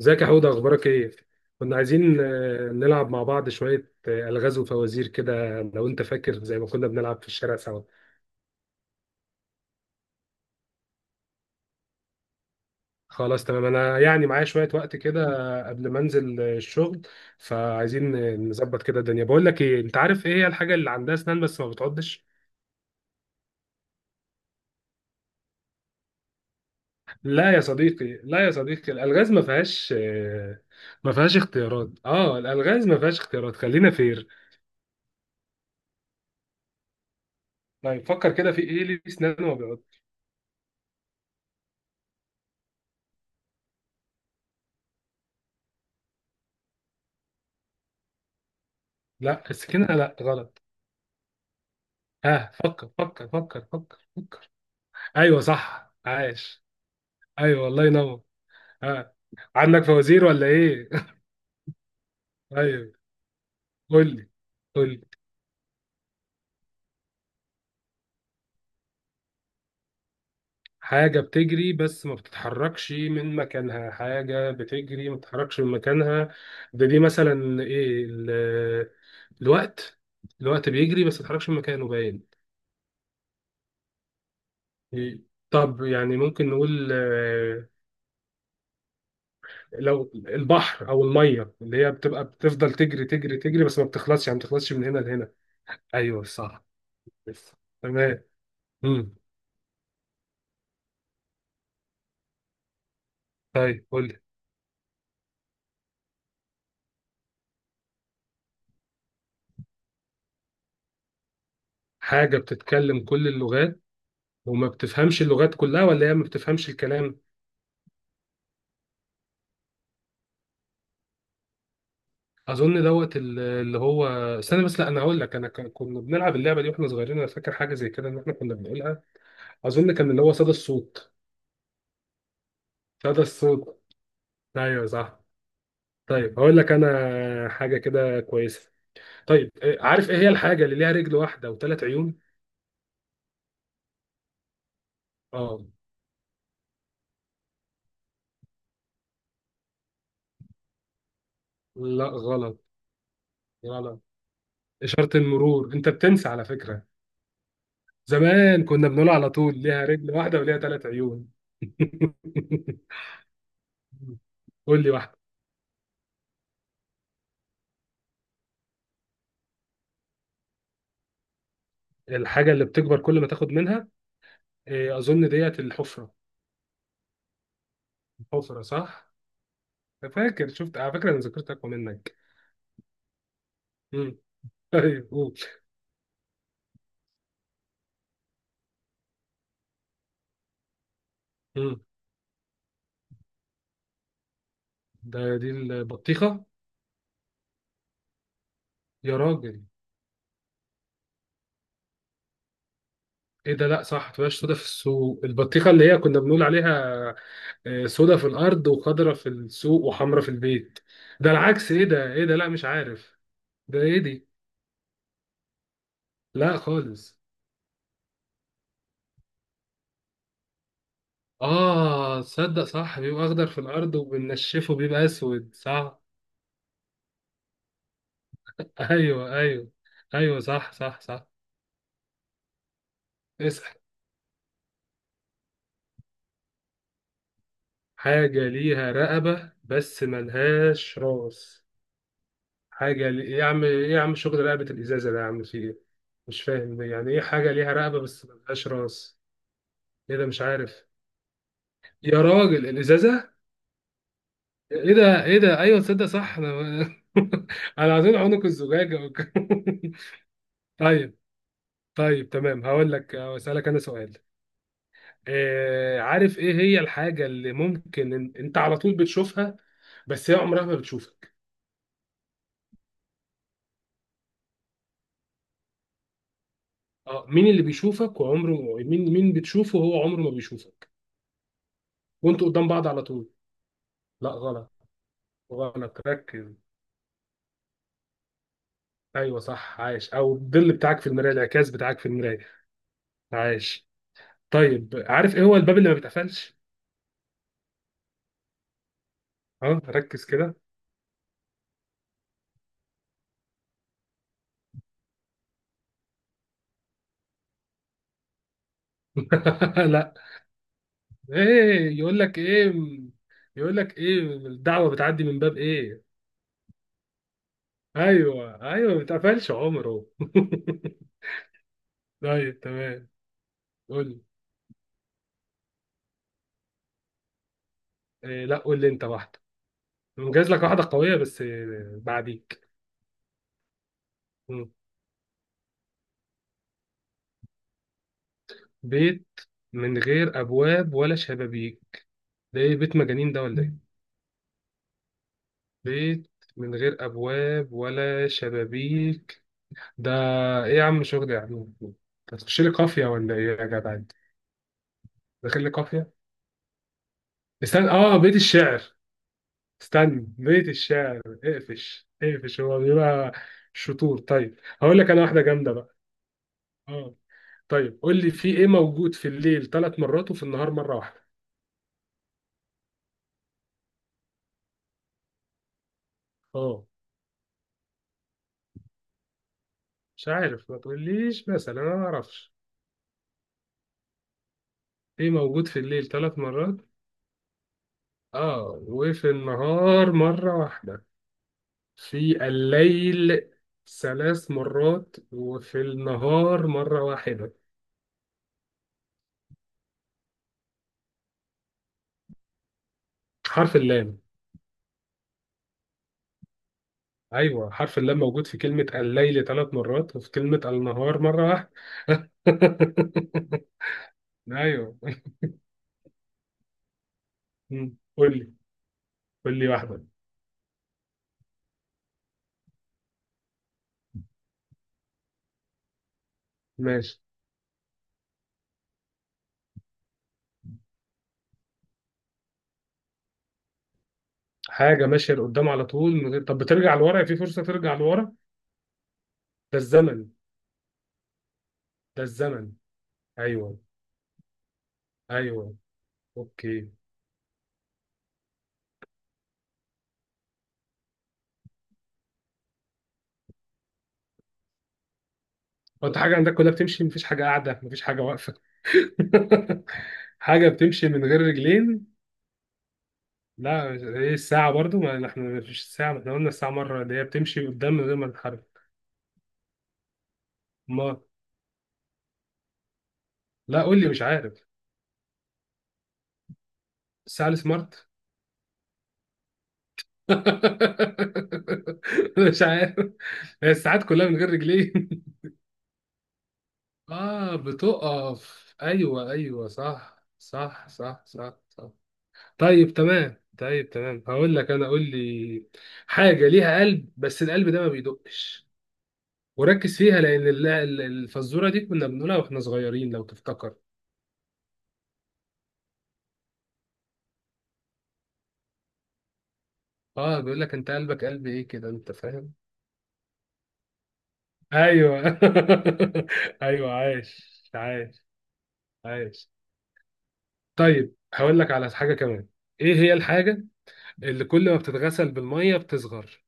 ازيك يا حوده، اخبارك ايه؟ كنا عايزين نلعب مع بعض شويه الغاز وفوازير كده، لو انت فاكر زي ما كنا بنلعب في الشارع سوا. خلاص تمام، انا يعني معايا شويه وقت كده قبل ما انزل الشغل. فعايزين نظبط كده الدنيا. بقول لك ايه، انت عارف ايه هي الحاجه اللي عندها اسنان بس ما بتعضش؟ لا يا صديقي، الالغاز ما فيهاش ما فيهاش اختيارات. اه الالغاز ما فيهاش اختيارات، خلينا فير. طيب فكر كده في ايه اللي ليه اسنان وما بيعض. لا السكينه لا، غلط. ها، فكر فكر فكر فكر فكر. ايوه صح، عاش. ايوه الله ينور. ها، عندك فوازير ولا ايه؟ ايوه، قول لي قول لي. حاجة بتجري بس ما بتتحركش من مكانها. حاجة بتجري ما بتتحركش من مكانها. ده دي مثلا ايه الوقت. الوقت بيجري بس ما بيتحركش من مكانه، باين. إيه؟ طب يعني ممكن نقول لو البحر او الميه اللي هي بتبقى بتفضل تجري تجري تجري بس ما بتخلصش، يعني ما بتخلصش من هنا لهنا. ايوه صح. بس. تمام. امم. طيب قول لي. حاجه بتتكلم كل اللغات وما بتفهمش اللغات كلها، ولا هي ما بتفهمش الكلام؟ اظن دوت اللي هو، استنى بس. لا انا هقول لك، انا كنا بنلعب اللعبه دي واحنا صغيرين، انا فاكر حاجه زي كده ان احنا كنا بنقولها. اظن كان اللي هو صدى الصوت. صدى الصوت، ايوه صح. طيب هقول لك انا حاجه كده كويسه. طيب عارف ايه هي الحاجه اللي ليها رجل واحده وثلاث عيون؟ اه، لا غلط، غلط. اشاره المرور، انت بتنسى على فكره. زمان كنا بنقول على طول ليها رجل واحدة وليها ثلاث عيون. قول لي واحدة. الحاجة اللي بتكبر كل ما تاخد منها. إيه، أظن ديت الحفرة. الحفرة صح؟ أنا فاكر شفت على فكرة، أنا ذاكرتي أقوى منك. مم. طيب قول. مم. ده دي البطيخة. يا راجل، إيه ده، لأ صح تبقاش سودا في السوق. البطيخة اللي هي كنا بنقول عليها سودا في الأرض وخضرة في السوق وحمرة في البيت. ده العكس، إيه ده إيه ده، لأ مش عارف. ده إيه دي؟ لأ خالص. اه تصدق صح، بيبقى اخضر في الارض وبننشفه بيبقى اسود، صح. ايوه ايوه. ايوه صح صح صح. اسأل. حاجة ليها رقبة بس ملهاش راس. إيه يا عم، ايه يا عم، شغل رقبة الازازة ده يا عم، في ايه؟ مش فاهم يعني ايه حاجة ليها رقبة بس ملهاش راس. ايه ده مش عارف. يا راجل الازازة. ايه ده ايه ده، ايوه تصدق صح، انا انا عايزين عنق الزجاجة. طيب. طيب تمام، هقول لك اسالك انا سؤال. عارف ايه هي الحاجة اللي ممكن انت على طول بتشوفها بس هي عمرها ما بتشوفك؟ اه، مين اللي بيشوفك وعمره. مين، مين بتشوفه وهو عمره ما بيشوفك، وانتوا قدام بعض على طول؟ لا غلط، غلط ركز. ايوه صح، عايش. او الظل بتاعك في المراية، الانعكاس بتاعك في المراية. عايش. طيب عارف ايه هو الباب اللي ما بيتقفلش؟ اه ركز كده. لا. ايه يقول لك ايه، يقول لك ايه الدعوة بتعدي من باب ايه. ايوه ايوه، ما بيتقفلش عمره. طيب تمام. قول لي. إيه لا، قول لي انت واحده. مجهز لك واحده قويه بس بعديك. مم. بيت من غير ابواب ولا شبابيك. ده ايه، بيت مجانين ده ولا ايه؟ بيت من غير ابواب ولا شبابيك، ده ايه يا عم، شغل يا عم أنت، هتخش لي قافيه ولا ايه يا جدع انت، داخل لي قافيه. استنى اه، بيت الشعر. استنى بيت الشعر، اقفش اقفش، هو بيبقى شطور. طيب هقول لك انا واحده جامده بقى. اه. طيب قول لي، في ايه موجود في الليل ثلاث مرات وفي النهار مره واحده؟ اه مش عارف، ما تقوليش مثلا انا ما اعرفش. ايه موجود في الليل ثلاث مرات. اه وفي النهار مره واحده. في الليل ثلاث مرات وفي النهار مره واحده. حرف اللام. ايوه حرف اللام موجود في كلمه الليل ثلاث مرات وفي كلمه النهار مره واحده. ايوه. مم. قول لي. قول لي واحده. ماشي. حاجه ماشيه لقدام على طول من غير، طب بترجع لورا؟ في فرصه ترجع لورا؟ ده الزمن. ده الزمن. ايوه ايوه. اوكي. هو انت حاجه عندك كلها بتمشي، مفيش حاجه قاعده مفيش حاجه واقفه؟ حاجه بتمشي من غير رجلين. لا ايه الساعه برضو، ما احنا مفيش الساعه، ما احنا قلنا الساعه مره اللي هي بتمشي قدام من غير ما تتحرك. ما، لا قول لي مش عارف. الساعه السمارت. مش عارف. هي الساعات كلها من غير رجلين. اه بتقف، ايوه ايوه صح صح صح صح صح. طيب تمام، طيب تمام، هقول لك انا. قول لي. حاجه ليها قلب بس القلب ده ما بيدقش. وركز فيها لان الفزوره دي كنا بنقولها واحنا صغيرين لو تفتكر. اه بيقول لك انت قلبك قلب ايه كده، انت فاهم. ايوه ايوه عايش عايش. عايش. طيب هقول لك على حاجة كمان. ايه هي الحاجة اللي كل ما بتتغسل بالمية بتصغر.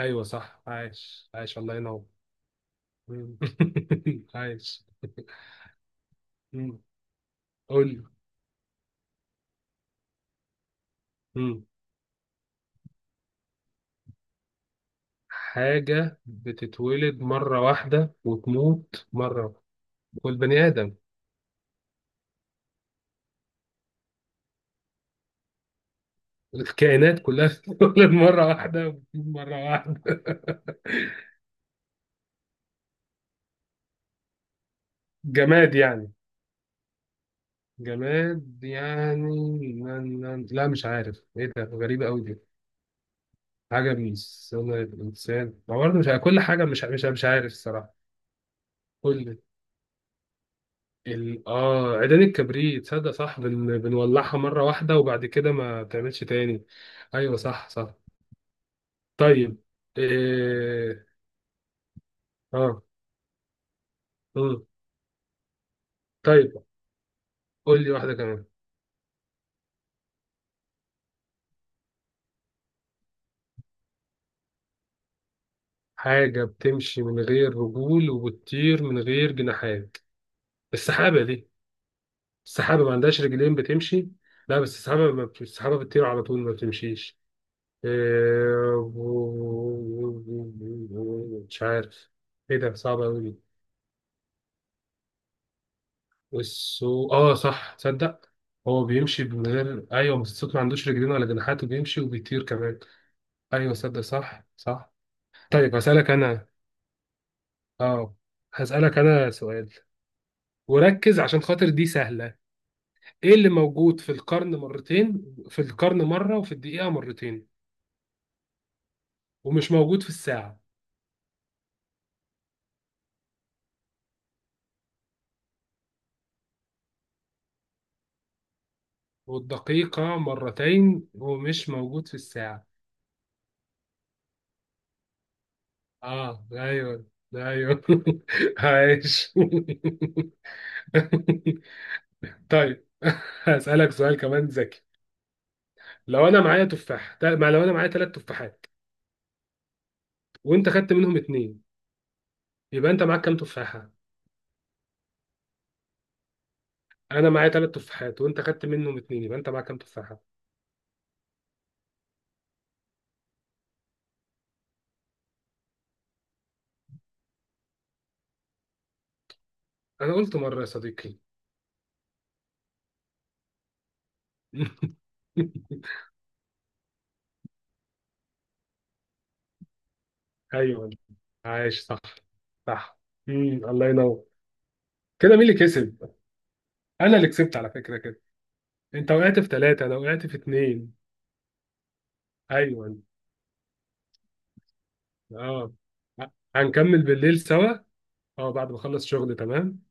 ايوه صح، عايش عايش، الله ينور. مم. عايش. مم. قول لي. مم. حاجة بتتولد مرة واحدة وتموت مرة واحدة. والبني آدم. الكائنات كلها بتتولد مرة واحدة وتموت مرة واحدة. جماد يعني. جماد يعني، لا لا، لا، مش عارف ايه ده، غريبة قوي. حاجة من صنع الإنسان، ما برضه مش كل حاجة مش مش عارف الصراحة. كل آه عيدان الكبريت، تصدق صح، بنولعها مرة واحدة وبعد كده ما بتعملش تاني. أيوة صح صح. طيب إيه... آه. مم. طيب قول لي واحدة كمان. حاجة بتمشي من غير رجول وبتطير من غير جناحات. السحابة دي، السحابة ما عندهاش رجلين بتمشي. لا بس السحابة ما بت- السحابة بتطير على طول ما بتمشيش. إيه، مش عارف. ايه ده صعب قوي دي. والسو اه صح تصدق، هو بيمشي من غير، ايوه بس الصوت ما عندوش رجلين ولا جناحات وبيمشي وبيطير كمان. ايوه صدق صح صح. طيب هسألك انا، اه، هسألك انا سؤال. وركز عشان خاطر دي سهلة. ايه اللي موجود في القرن مرتين، في القرن مرة وفي الدقيقة مرتين ومش موجود في الساعة؟ والدقيقة مرتين ومش موجود في الساعة. اه ايوه ايوه. عايش. طيب. هسألك سؤال كمان ذكي. لو انا معايا ما لو انا معايا ثلاث تفاحات وانت خدت منهم اتنين، يبقى انت معاك كام تفاحة؟ انا معايا ثلاث تفاحات وانت خدت منهم اتنين، يبقى انت معاك كام تفاحة؟ انا قلت مرة يا صديقي. ايوه عايش صح صح. مم. الله ينور. كده مين اللي كسب؟ انا اللي كسبت على فكرة كده. انت وقعت في ثلاثة انا وقعت في اتنين. ايوه. اه، هنكمل بالليل سوا. اه بعد ما اخلص شغل، تمام.